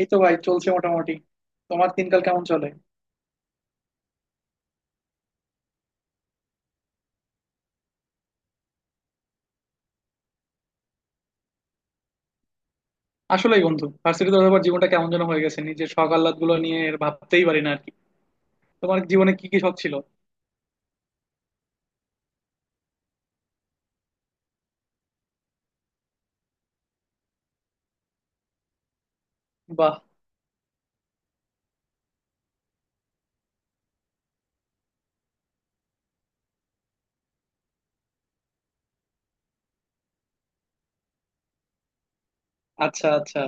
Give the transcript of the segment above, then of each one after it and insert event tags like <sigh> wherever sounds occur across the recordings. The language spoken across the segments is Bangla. এই তো ভাই, চলছে মোটামুটি। তোমার দিনকাল কেমন চলে? আসলেই বন্ধু, ভার্সিটি তো আবার জীবনটা কেমন যেন হয়ে গেছে, নিজের শখ আহ্লাদ গুলো নিয়ে আর ভাবতেই পারি না আর কি। তোমার জীবনে কি কি শখ ছিল? বাহ। আচ্ছা আচ্ছা।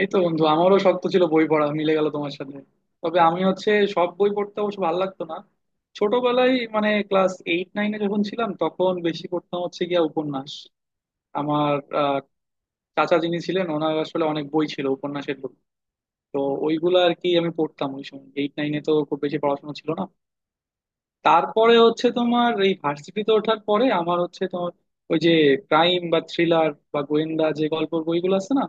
এই তো বন্ধু, আমারও শখ তো ছিল বই পড়া, মিলে গেল তোমার সাথে। তবে আমি হচ্ছে সব বই পড়তে অবশ্য ভালো লাগতো না। ছোটবেলায় মানে ক্লাস এইট নাইনে যখন ছিলাম তখন বেশি পড়তাম হচ্ছে গিয়া উপন্যাস। আমার আহ, চাচা যিনি ছিলেন ওনার আসলে অনেক বই ছিল উপন্যাসের বই। তো ওইগুলো আর কি আমি পড়তাম ওই সময়, এইট নাইনে তো খুব বেশি পড়াশোনা ছিল না। তারপরে হচ্ছে তোমার এই ভার্সিটিতে ওঠার পরে আমার হচ্ছে তোমার ওই যে ক্রাইম বা থ্রিলার বা গোয়েন্দা যে গল্পের বইগুলো আছে না,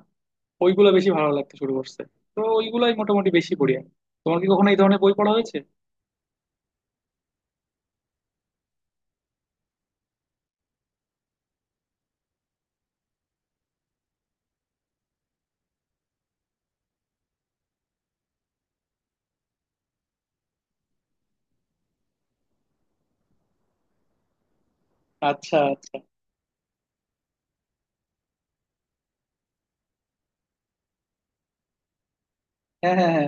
ওইগুলো বেশি ভালো লাগতে শুরু করছে। তো ওইগুলাই মোটামুটি বেশি পড়ি আমি। তোমার কি কখনো এই ধরনের বই পড়া হয়েছে? আচ্ছা আচ্ছা। হ্যাঁ হ্যাঁ হ্যাঁ।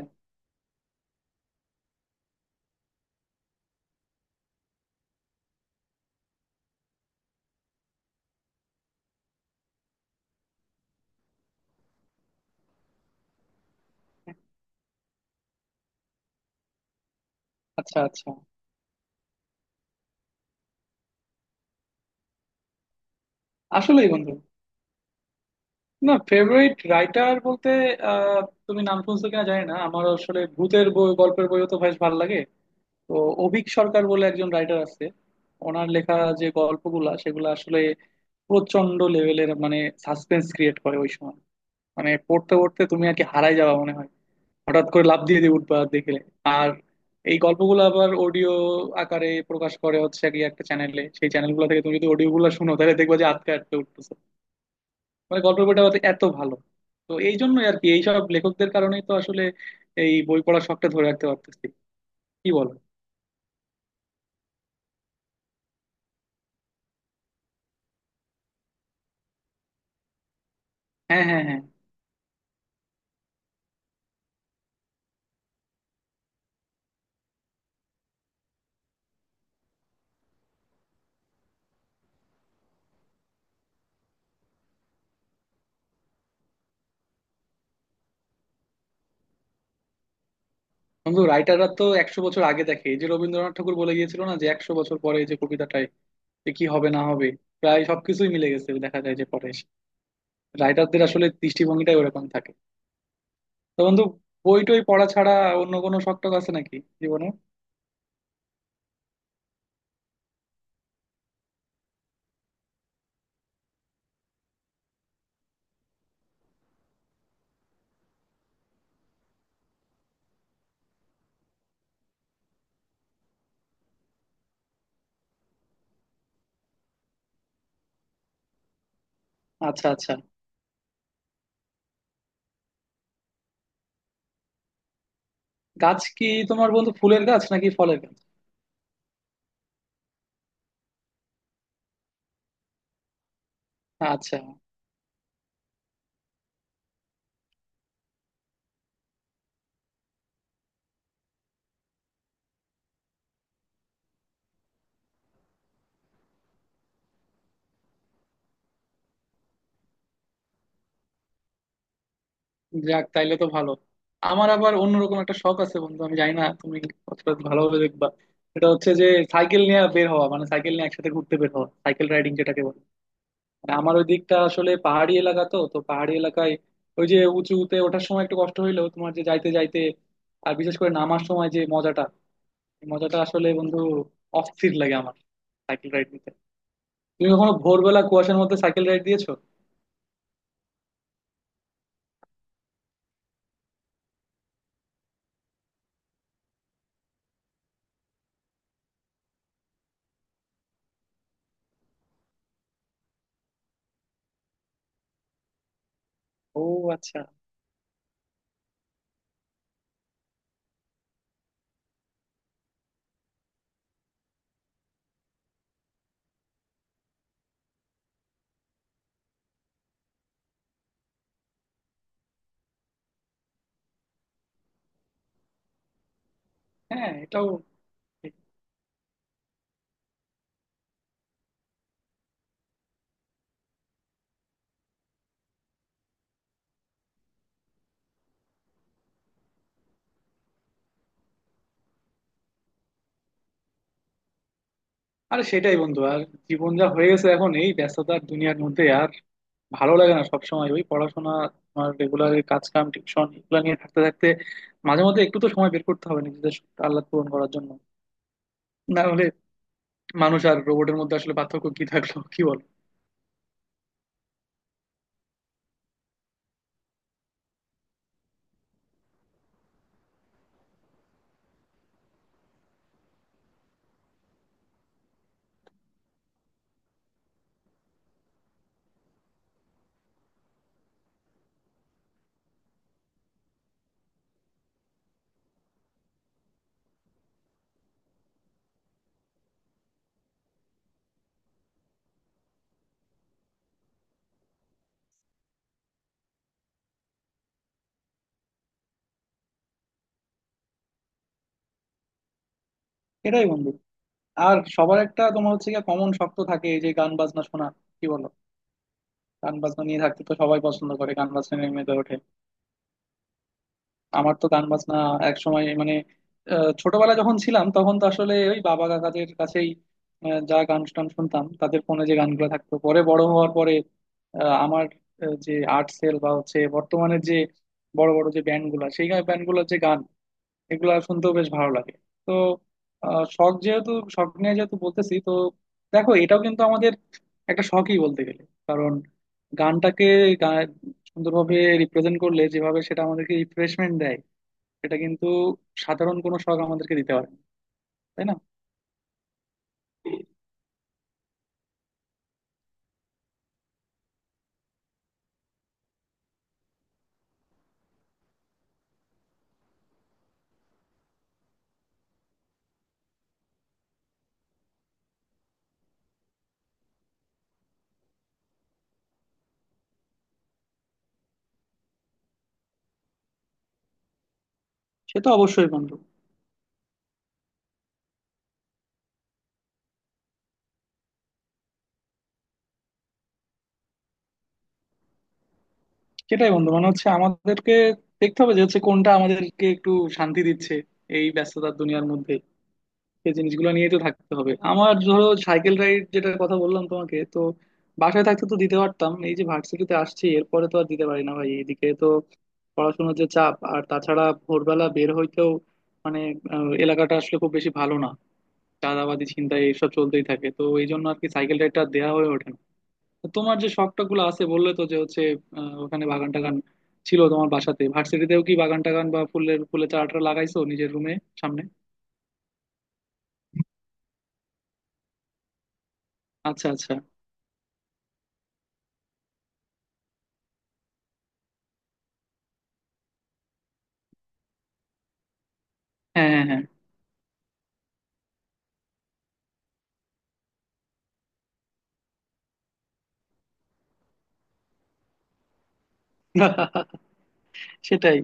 আচ্ছা আচ্ছা। আসলেই বন্ধু, না ফেভারিট রাইটার বলতে আহ তুমি নাম শুনছো কিনা জানি না, আমার আসলে ভূতের বই গল্পের বইও তো বেশ ভালো লাগে। তো অভীক সরকার বলে একজন রাইটার আছে, ওনার লেখা যে গল্পগুলা সেগুলো আসলে প্রচন্ড লেভেলের মানে সাসপেন্স ক্রিয়েট করে ওই সময়। মানে পড়তে পড়তে তুমি আর কি হারাই যাবা মনে হয়, হঠাৎ করে লাফ দিয়ে দিয়ে উঠবা দেখলে। আর এই গল্পগুলো আবার অডিও আকারে প্রকাশ করে হচ্ছে কি একটা চ্যানেলে। সেই চ্যানেলগুলো থেকে তুমি যদি অডিও গুলো শুনো তাহলে দেখবা যে আটকে আটকে উঠতেছে। মানে গল্পের বইটা হয়তো এত ভালো। তো এই জন্যই আর কি এইসব লেখকদের কারণেই তো আসলে এই বই পড়ার শখটা ধরে রাখতে পারতেছি, কি বলো? হ্যাঁ হ্যাঁ হ্যাঁ। বন্ধু রাইটাররা তো 100 বছর আগে দেখে, এই যে রবীন্দ্রনাথ ঠাকুর বলে গিয়েছিল না যে 100 বছর পরে এই যে কবিতাটাই, যে কি হবে না হবে, প্রায় সবকিছুই মিলে গেছে দেখা যায় যে পরে এসে। রাইটারদের আসলে দৃষ্টিভঙ্গিটাই ওরকম থাকে। তো বন্ধু, বই টই পড়া ছাড়া অন্য কোনো শখ টখ আছে নাকি জীবনে? আচ্ছা আচ্ছা। গাছ কি তোমার বন্ধু, ফুলের গাছ নাকি ফলের গাছ? আচ্ছা। যাক তাইলে তো ভালো। আমার আবার অন্যরকম একটা শখ আছে বন্ধু, আমি জানি না তুমি কতটা ভালোভাবে দেখবা। এটা হচ্ছে যে সাইকেল নিয়ে বের হওয়া, মানে সাইকেল নিয়ে একসাথে ঘুরতে বের হওয়া, সাইকেল রাইডিং যেটাকে বলে। মানে আমার ওই দিকটা আসলে পাহাড়ি এলাকা, তো তো পাহাড়ি এলাকায় ওই যে উঁচুতে ওঠার সময় একটু কষ্ট হইলেও তোমার যে যাইতে যাইতে, আর বিশেষ করে নামার সময় যে মজাটা, এই মজাটা আসলে বন্ধু অস্থির লাগে আমার সাইকেল রাইড নিতে। তুমি কখনো ভোরবেলা কুয়াশার মধ্যে সাইকেল রাইড দিয়েছো? ও আচ্ছা। হ্যাঁ এটাও ঠিক। আরে সেটাই বন্ধু, আর জীবন যা হয়ে গেছে এখন, এই ব্যস্ততার দুনিয়ার মধ্যে আর ভালো লাগে না সবসময় ওই পড়াশোনা, তোমার রেগুলার কাজ কাম টিউশন এগুলো নিয়ে থাকতে থাকতে মাঝে মধ্যে একটু তো সময় বের করতে হবে নিজেদের আল্লাহ পূরণ করার জন্য। না, মানুষ আর রোবটের মধ্যে আসলে পার্থক্য কি থাকলো, কি বল? এটাই বন্ধু। আর সবার একটা তোমার হচ্ছে গিয়ে কমন শখ তো থাকে এই যে গান বাজনা শোনা, কি বলো? গান বাজনা নিয়ে থাকতে তো সবাই পছন্দ করে, গান বাজনা নিয়ে মেতে ওঠে। আমার তো গান বাজনা এক সময় মানে ছোটবেলায় যখন ছিলাম তখন তো আসলে ওই বাবা কাকাদের কাছেই যা গান টান শুনতাম তাদের ফোনে যে গানগুলো থাকতো, পরে বড় হওয়ার পরে আমার যে আর্ট সেল বা হচ্ছে বর্তমানের যে বড় বড় যে ব্যান্ড গুলা, সেই ব্যান্ড গুলোর যে গান এগুলা শুনতেও বেশ ভালো লাগে। তো শখ যেহেতু, শখ নিয়ে যেহেতু বলতেছি, তো দেখো এটাও কিন্তু আমাদের একটা শখই বলতে গেলে। কারণ গানটাকে গা- সুন্দরভাবে রিপ্রেজেন্ট করলে যেভাবে সেটা আমাদেরকে রিফ্রেশমেন্ট দেয়, সেটা কিন্তু সাধারণ কোনো শখ আমাদেরকে দিতে পারে না, তাই না? সে তো অবশ্যই বন্ধু। সেটাই বন্ধু, মানে হচ্ছে আমাদেরকে দেখতে হবে যে হচ্ছে কোনটা আমাদেরকে একটু শান্তি দিচ্ছে এই ব্যস্ততার দুনিয়ার মধ্যে। এই জিনিসগুলো নিয়ে তো থাকতে হবে। আমার ধরো সাইকেল রাইড যেটার কথা বললাম তোমাকে, তো বাসায় থাকতে তো দিতে পারতাম, এই যে ভার্সিটিতে আসছি এরপরে তো আর দিতে পারি না ভাই, এদিকে তো পড়াশোনার যে চাপ আর তাছাড়া ভোরবেলা বের হইতেও মানে এলাকাটা আসলে খুব বেশি ভালো না, চাঁদাবাজি ছিনতাই এসব চলতেই থাকে। তো এই জন্য আর কি সাইকেল রাইডটা দেওয়া হয়ে ওঠে না। তো তোমার যে শখটা গুলো আছে বললে তো, যে হচ্ছে ওখানে বাগান টাগান ছিল তোমার বাসাতে, ভার্সিটিতেও কি বাগান টাগান বা ফুলের ফুলের চারা টারা লাগাইছো নিজের রুমে সামনে? আচ্ছা আচ্ছা। হ্যাঁ হ্যাঁ হ্যাঁ। সেটাই।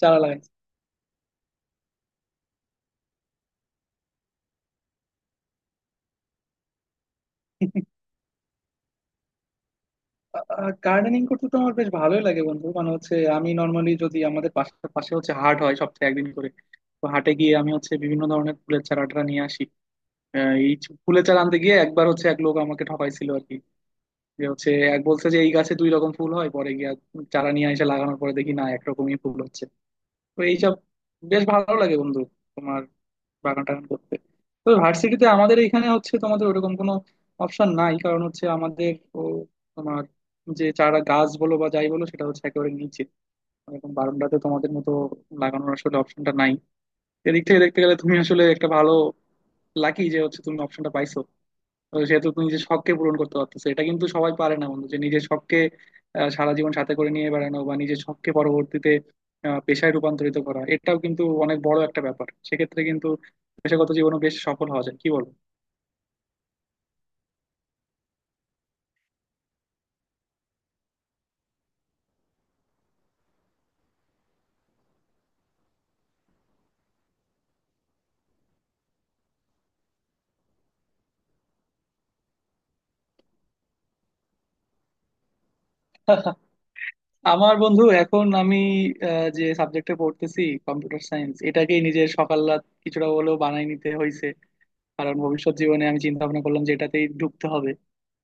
চারা লাগাইছি। গার্ডেনিং করতে তো আমার বেশ ভালোই লাগে বন্ধু, মানে হচ্ছে আমি নর্মালি যদি আমাদের পাশে পাশে হচ্ছে হাট হয় সপ্তাহে একদিন করে। তো হাটে গিয়ে আমি হচ্ছে বিভিন্ন ধরনের ফুলের চারা টারা নিয়ে আসি। এই ফুলের চারা আনতে গিয়ে একবার হচ্ছে এক লোক আমাকে ঠকাইছিল আর কি, যে হচ্ছে এক বলছে যে এই গাছে দুই রকম ফুল হয়, পরে গিয়ে চারা নিয়ে এসে লাগানোর পরে দেখি না একরকমই ফুল হচ্ছে। তো এইসব বেশ ভালো লাগে বন্ধু, তোমার বাগান টাগান করতে। তো ভার্সিটিতে আমাদের এখানে হচ্ছে তোমাদের ওরকম কোনো অপশন নাই, কারণ হচ্ছে আমাদের ও তোমার যে চারা গাছ বলো বা যাই বলো সেটা হচ্ছে একেবারে নিচে, এরকম বারান্দাতে তোমাদের মতো লাগানোর আসলে অপশনটা নাই। এদিক থেকে দেখতে গেলে তুমি আসলে একটা ভালো লাকি যে হচ্ছে তুমি অপশনটা পাইছো। তো সেহেতু তুমি নিজের শখকে পূরণ করতে পারতেছো, এটা কিন্তু সবাই পারে না বন্ধু, যে নিজের শখকে সারা জীবন সাথে করে নিয়ে বেড়ানো বা নিজের শখকে পরবর্তীতে পেশায় রূপান্তরিত করা, এটাও কিন্তু অনেক বড় একটা ব্যাপার। সেক্ষেত্রে কিন্তু পেশাগত জীবনও বেশ সফল হওয়া যায়, কি বল? <laughs> আমার বন্ধু এখন আমি যে সাবজেক্টে পড়তেছি কম্পিউটার সায়েন্স, এটাকেই নিজের সকাল রাত কিছুটা হলেও বানাই নিতে হয়েছে, কারণ ভবিষ্যৎ জীবনে আমি চিন্তা ভাবনা করলাম যে এটাতেই ঢুকতে হবে।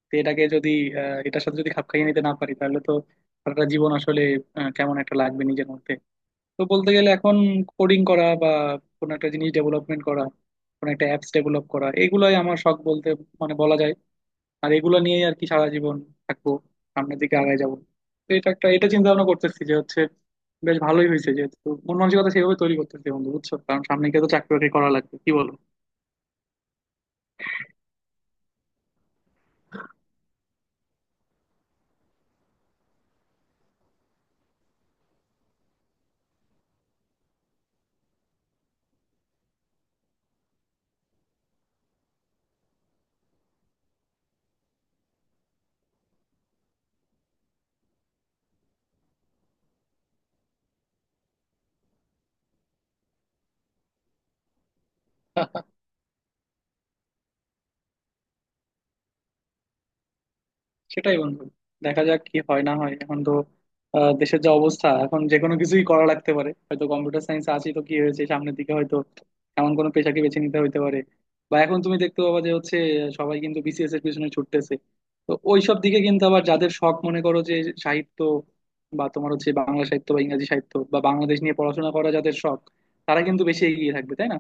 তো এটাকে যদি এটার সাথে যদি খাপ খাইয়ে নিতে না পারি তাহলে তো সারাটা জীবন আসলে কেমন একটা লাগবে নিজের মধ্যে। তো বলতে গেলে এখন কোডিং করা বা কোনো একটা জিনিস ডেভেলপমেন্ট করা, কোনো একটা অ্যাপস ডেভেলপ করা, এগুলাই আমার শখ বলতে মানে বলা যায়। আর এগুলো নিয়েই আর কি সারা জীবন থাকবো, সামনের দিকে আগায় যাবো। তো এটা একটা, এটা চিন্তা ভাবনা করতেছি যে হচ্ছে বেশ ভালোই হয়েছে, যেহেতু মন মানসিকতা সেভাবে তৈরি করতেছি বন্ধু, বুঝছো? কারণ সামনে গিয়ে তো চাকরি বাকরি করা লাগবে, কি বলো? <laughs> সেটাই বন্ধু, দেখা যাক কি হয় না হয়। এখন তো দেশের যা অবস্থা এখন যে কোনো কিছুই করা লাগতে পারে, হয়তো কম্পিউটার সায়েন্স আছি তো কি হয়েছে, সামনের দিকে হয়তো এমন কোনো পেশাকে বেছে নিতে হইতে পারে। বা এখন তুমি দেখতে পাবা যে হচ্ছে সবাই কিন্তু বিসিএস এর পিছনে ছুটতেছে। তো ওইসব দিকে কিন্তু আবার যাদের শখ মনে করো যে সাহিত্য, বা তোমার হচ্ছে বাংলা সাহিত্য বা ইংরেজি সাহিত্য বা বাংলাদেশ নিয়ে পড়াশোনা করা যাদের শখ, তারা কিন্তু বেশি এগিয়ে থাকবে, তাই না?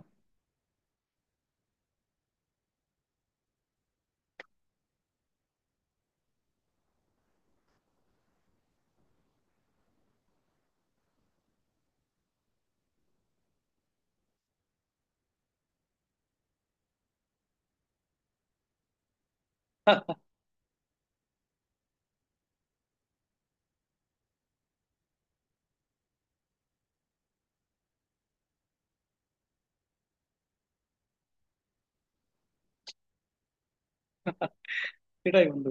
<laughs> সেটাই বন্ধু।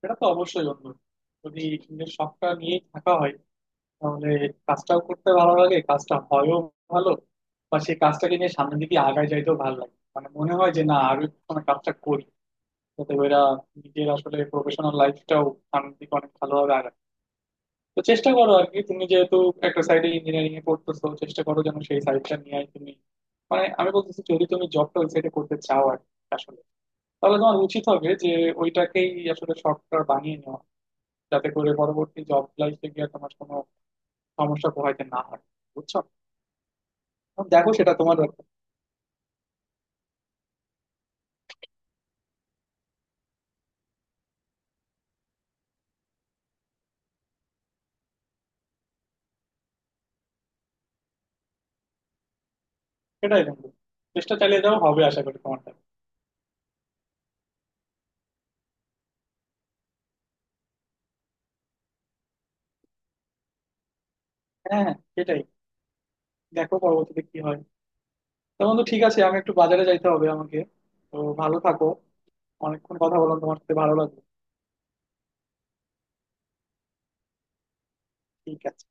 সেটা তো অবশ্যই বন্ধু, যদি নিজের শখটা নিয়ে থাকা হয় তাহলে কাজটাও করতে ভালো লাগে, কাজটা হয়ও ভালো, বা সেই কাজটাকে নিয়ে সামনের দিকে আগায় যাইতেও ভালো লাগে, মানে মনে হয় যে না, আরো একটু সময় কাজটা করি, যাতে করে নিজের আসলে প্রফেশনাল লাইফটাও সামনের দিকে অনেক ভালোভাবে আগায়। তো চেষ্টা করো আর কি, তুমি যেহেতু একটা সাইডে ইঞ্জিনিয়ারিং এ পড়তেছো, চেষ্টা করো যেন সেই সাইডটা নিয়ে তুমি মানে আমি বলতেছি যদি তুমি জবটা ওই সাইডে করতে চাও আর কি আসলে, তাহলে তোমার উচিত হবে যে ওইটাকেই আসলে শর্টকাট বানিয়ে নেওয়া, যাতে করে পরবর্তী জব লাইফে গিয়ে তোমার কোনো সমস্যা পোহাইতে না হয়, বুঝছো? এখন দেখো সেটা তোমার ব্যাপার। সেটাই বন্ধু, চেষ্টা চালিয়ে যাও, হবে আশা করি তোমারটা। হ্যাঁ হ্যাঁ সেটাই। দেখো পরবর্তীতে কি হয়। তো বন্ধু ঠিক আছে, আমি একটু বাজারে যাইতে হবে আমাকে। তো ভালো থাকো, অনেকক্ষণ কথা বললাম তোমার সাথে ভালো লাগলো। ঠিক আছে।